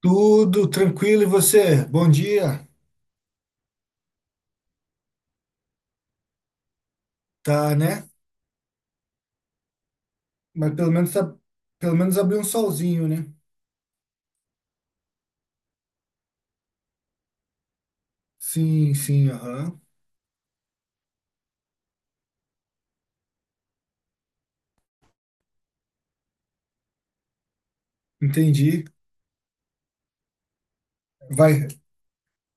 Tudo tranquilo e você? Bom dia. Tá, né? Mas pelo menos abriu um solzinho, né? Sim, sim, aham. Entendi. Vai.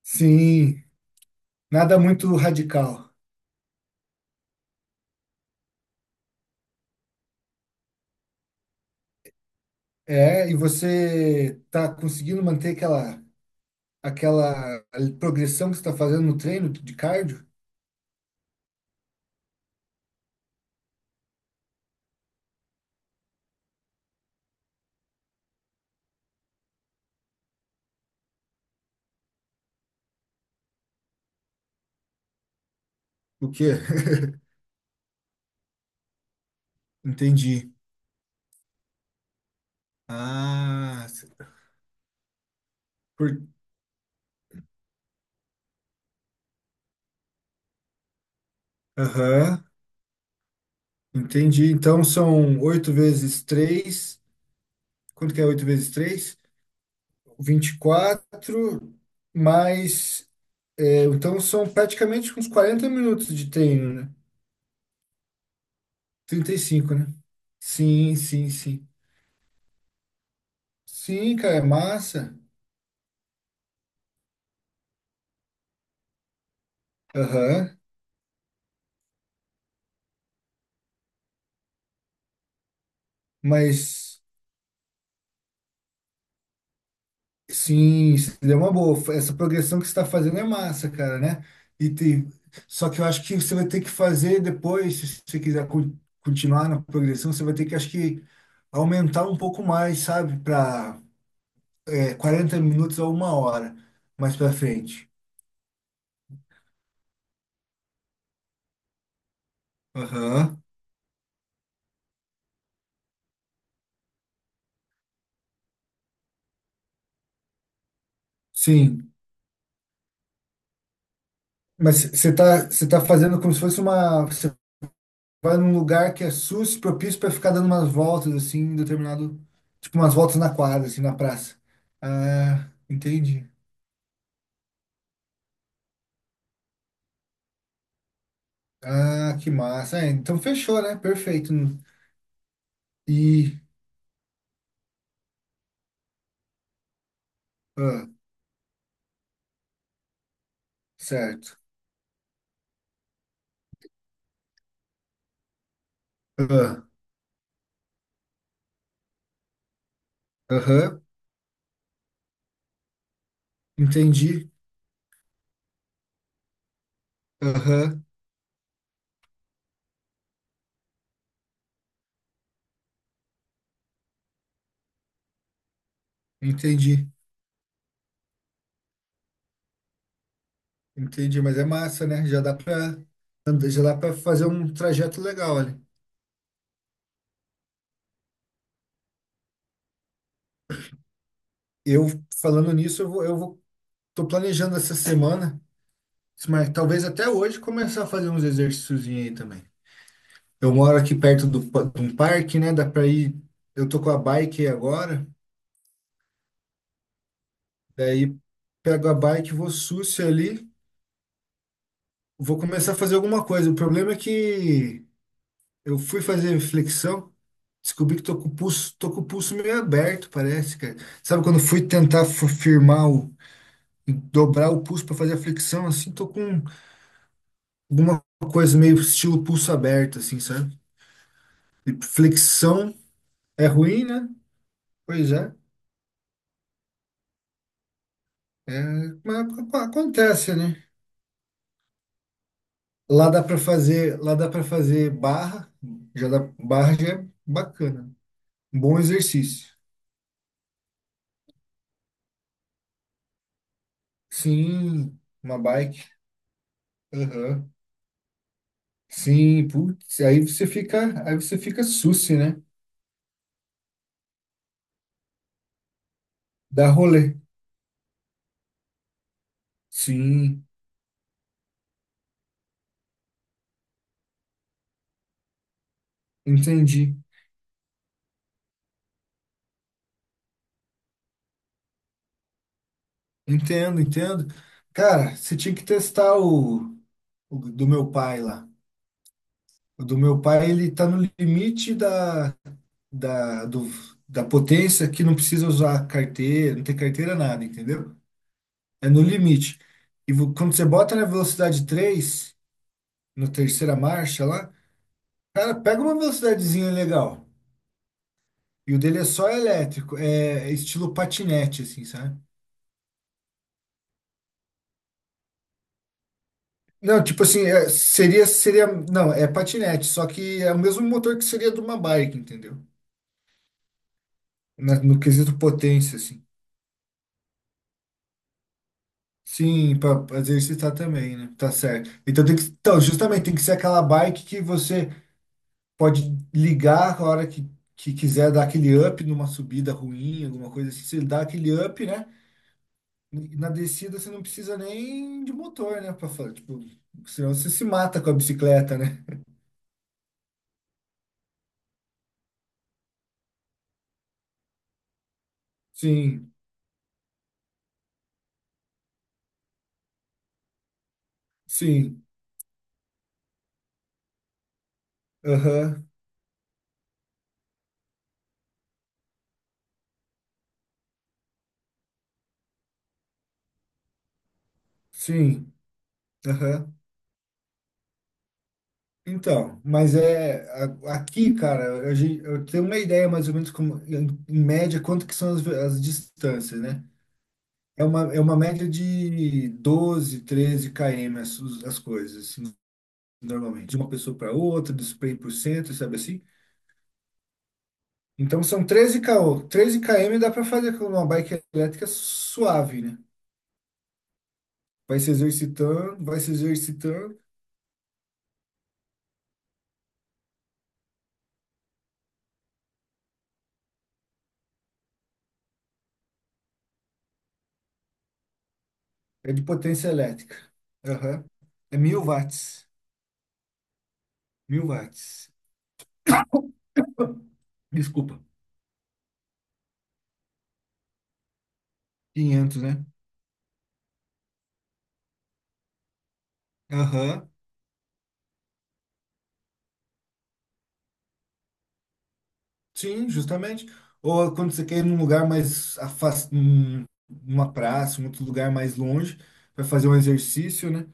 Sim, nada muito radical. É, e você tá conseguindo manter aquela progressão que você tá fazendo no treino de cardio? O quê? Entendi. Ah, por... aham, entendi. Então são oito vezes três. Quanto que é oito vezes três? 24 mais. É, então são praticamente uns 40 minutos de treino, né? 35, né? Sim, sim, sim. Sim, cara, é massa. Aham. Mas sim, isso é uma boa. Essa progressão que você está fazendo é massa, cara, né? E tem... Só que eu acho que você vai ter que fazer depois, se você quiser continuar na progressão, você vai ter que, acho que, aumentar um pouco mais, sabe? Para 40 minutos a uma hora mais para frente. Aham, sim. Mas você tá fazendo como se fosse uma. Você vai num lugar que é sus propício para ficar dando umas voltas, assim, em determinado. Tipo, umas voltas na quadra, assim, na praça. Ah, entendi. Ah, que massa. É, então fechou, né? Perfeito. E. ah, certo. Ah, aham, entendi. Aham, entendi. Entendi, mas é massa, né? Já dá para fazer um trajeto legal ali. Eu, falando nisso, eu vou tô planejando essa semana, mas talvez até hoje começar a fazer uns exercícios aí também. Eu moro aqui perto de um parque, né? Dá pra ir. Eu tô com a bike aí agora, daí pego a bike, vou sucio ali, vou começar a fazer alguma coisa. O problema é que eu fui fazer flexão, descobri que tô com o pulso meio aberto, parece, cara. Sabe quando fui tentar firmar dobrar o pulso pra fazer a flexão, assim, tô com alguma coisa meio estilo pulso aberto, assim, sabe? Tipo, flexão é ruim, né? Pois é, mas acontece, né? Lá dá para fazer barra, já dá, barra já é bacana. Bom exercício. Sim, uma bike. Aham. Sim, putz, aí você fica sucio, né? Dá rolê. Sim, entendi. Entendo, entendo. Cara, você tinha que testar o do meu pai lá. O do meu pai, ele tá no limite da, do, da potência que não precisa usar carteira, não tem carteira nada, entendeu? É no limite. E quando você bota na velocidade 3 na terceira marcha lá, cara, pega uma velocidadezinha legal. E o dele é só elétrico, é estilo patinete, assim, sabe? Não, tipo assim, seria, não, é patinete, só que é o mesmo motor que seria de uma bike, entendeu? No quesito potência, assim. Sim, para exercitar também, né? Tá certo. Então tem que, então, justamente tem que ser aquela bike que você pode ligar a hora que quiser dar aquele up numa subida ruim, alguma coisa assim, você dá aquele up, né? E na descida você não precisa nem de motor, né, para falar, tipo, senão você se mata com a bicicleta, né? Sim. Sim. Aham. Sim. Aham. Então, mas é aqui, cara, eu tenho uma ideia mais ou menos como, em média quanto que são as distâncias, né? É uma média de 12, 13 km as coisas, assim, normalmente, de uma pessoa para outra, do spray por cento, sabe assim? Então são treze km dá para fazer com uma bike elétrica suave, né? Vai se exercitando, é de potência elétrica. Aham. É 1.000 watts, 1.000 watts. Desculpa. 500, né? Aham. Sim, justamente. Ou quando você quer ir num lugar mais afastado, numa praça, um outro lugar mais longe, para fazer um exercício, né?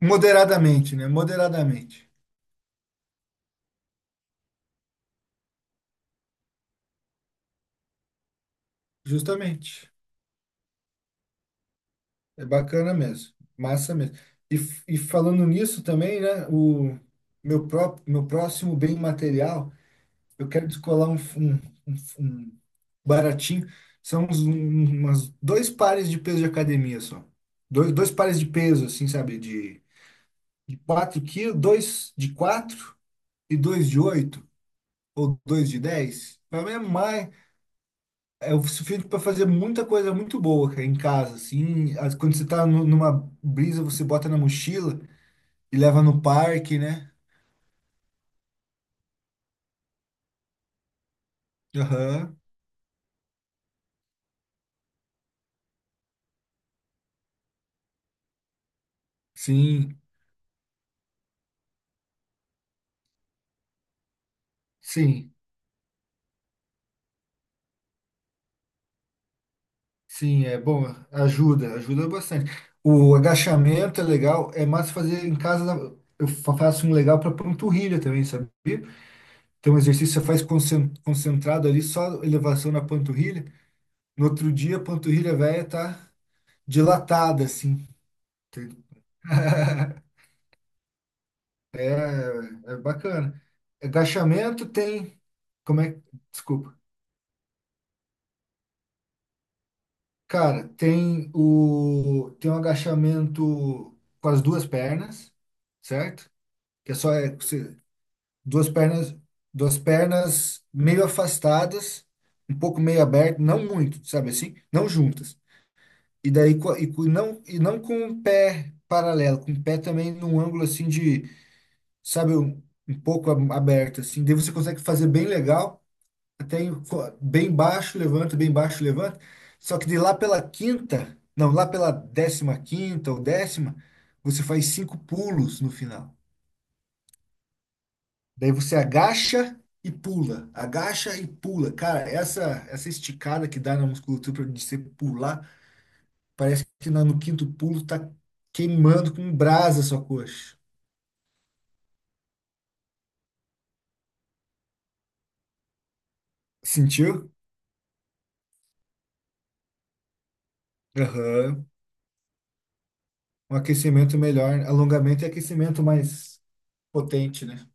Moderadamente, né? Moderadamente. Justamente. É bacana mesmo. Massa mesmo. E falando nisso também, né? O meu próximo bem material, eu quero descolar um baratinho. São umas dois pares de peso de academia só. Dois pares de peso, assim, sabe? De 4 quilos, dois de 4 e dois de 8 ou dois de 10. Pra mim é mais, é o suficiente para fazer muita coisa muito boa, cara, em casa, assim. Quando você tá numa brisa, você bota na mochila e leva no parque, né? Aham, sim, sim. Sim, é bom, ajuda bastante. O agachamento é legal, é mais fazer em casa. Eu faço um legal para panturrilha também, sabia? Então, o exercício você faz concentrado ali, só elevação na panturrilha. No outro dia, a panturrilha velha tá dilatada, assim. Entende? É, é bacana. Agachamento tem, como é, desculpa. Cara, tem o tem um agachamento com as duas pernas, certo? Que é só é, duas pernas, duas pernas meio afastadas, um pouco meio aberto, não muito, sabe assim? Não juntas. E daí e, não e não com o pé paralelo, com o pé também num ângulo assim de, sabe, um pouco aberto assim. Daí você consegue fazer bem legal, até bem baixo, levanta, bem baixo, levanta. Só que de lá pela quinta, não, lá pela décima quinta ou décima, você faz cinco pulos no final. Daí você agacha e pula, agacha e pula. Cara, essa esticada que dá na musculatura de você pular, parece que no quinto pulo tá queimando com brasa a sua coxa. Sentiu? Aham. Um aquecimento melhor, alongamento e aquecimento mais potente, né?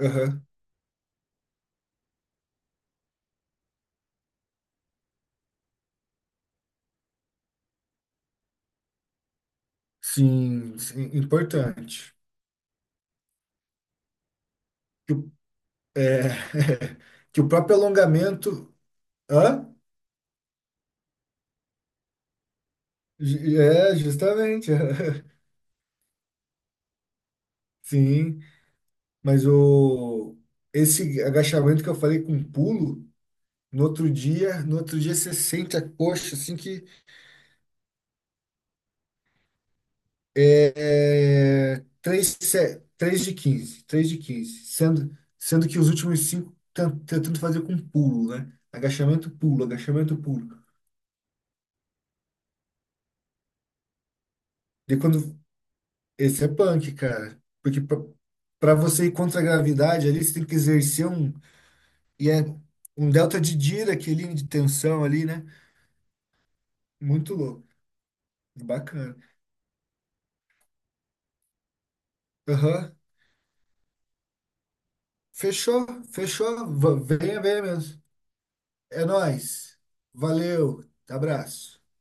Aham. Sim, sim, importante. Que o, é, que o próprio alongamento. Hã? É, justamente. Sim. Mas o esse agachamento que eu falei com pulo, no outro dia, no outro dia você sente a coxa assim que é é, 3 3 de 15 3 de 15 sendo que os últimos cinco tentando fazer com pulo, né? Agachamento, pulo, agachamento, pulo. E quando esse é punk, cara, porque para você ir contra a gravidade ali, você tem que exercer e é um delta de Dirac ali de tensão ali, né? Muito louco, bacana. Aham. Fechou, fechou. Venha, venha mesmo. É nóis. Valeu. Abraço.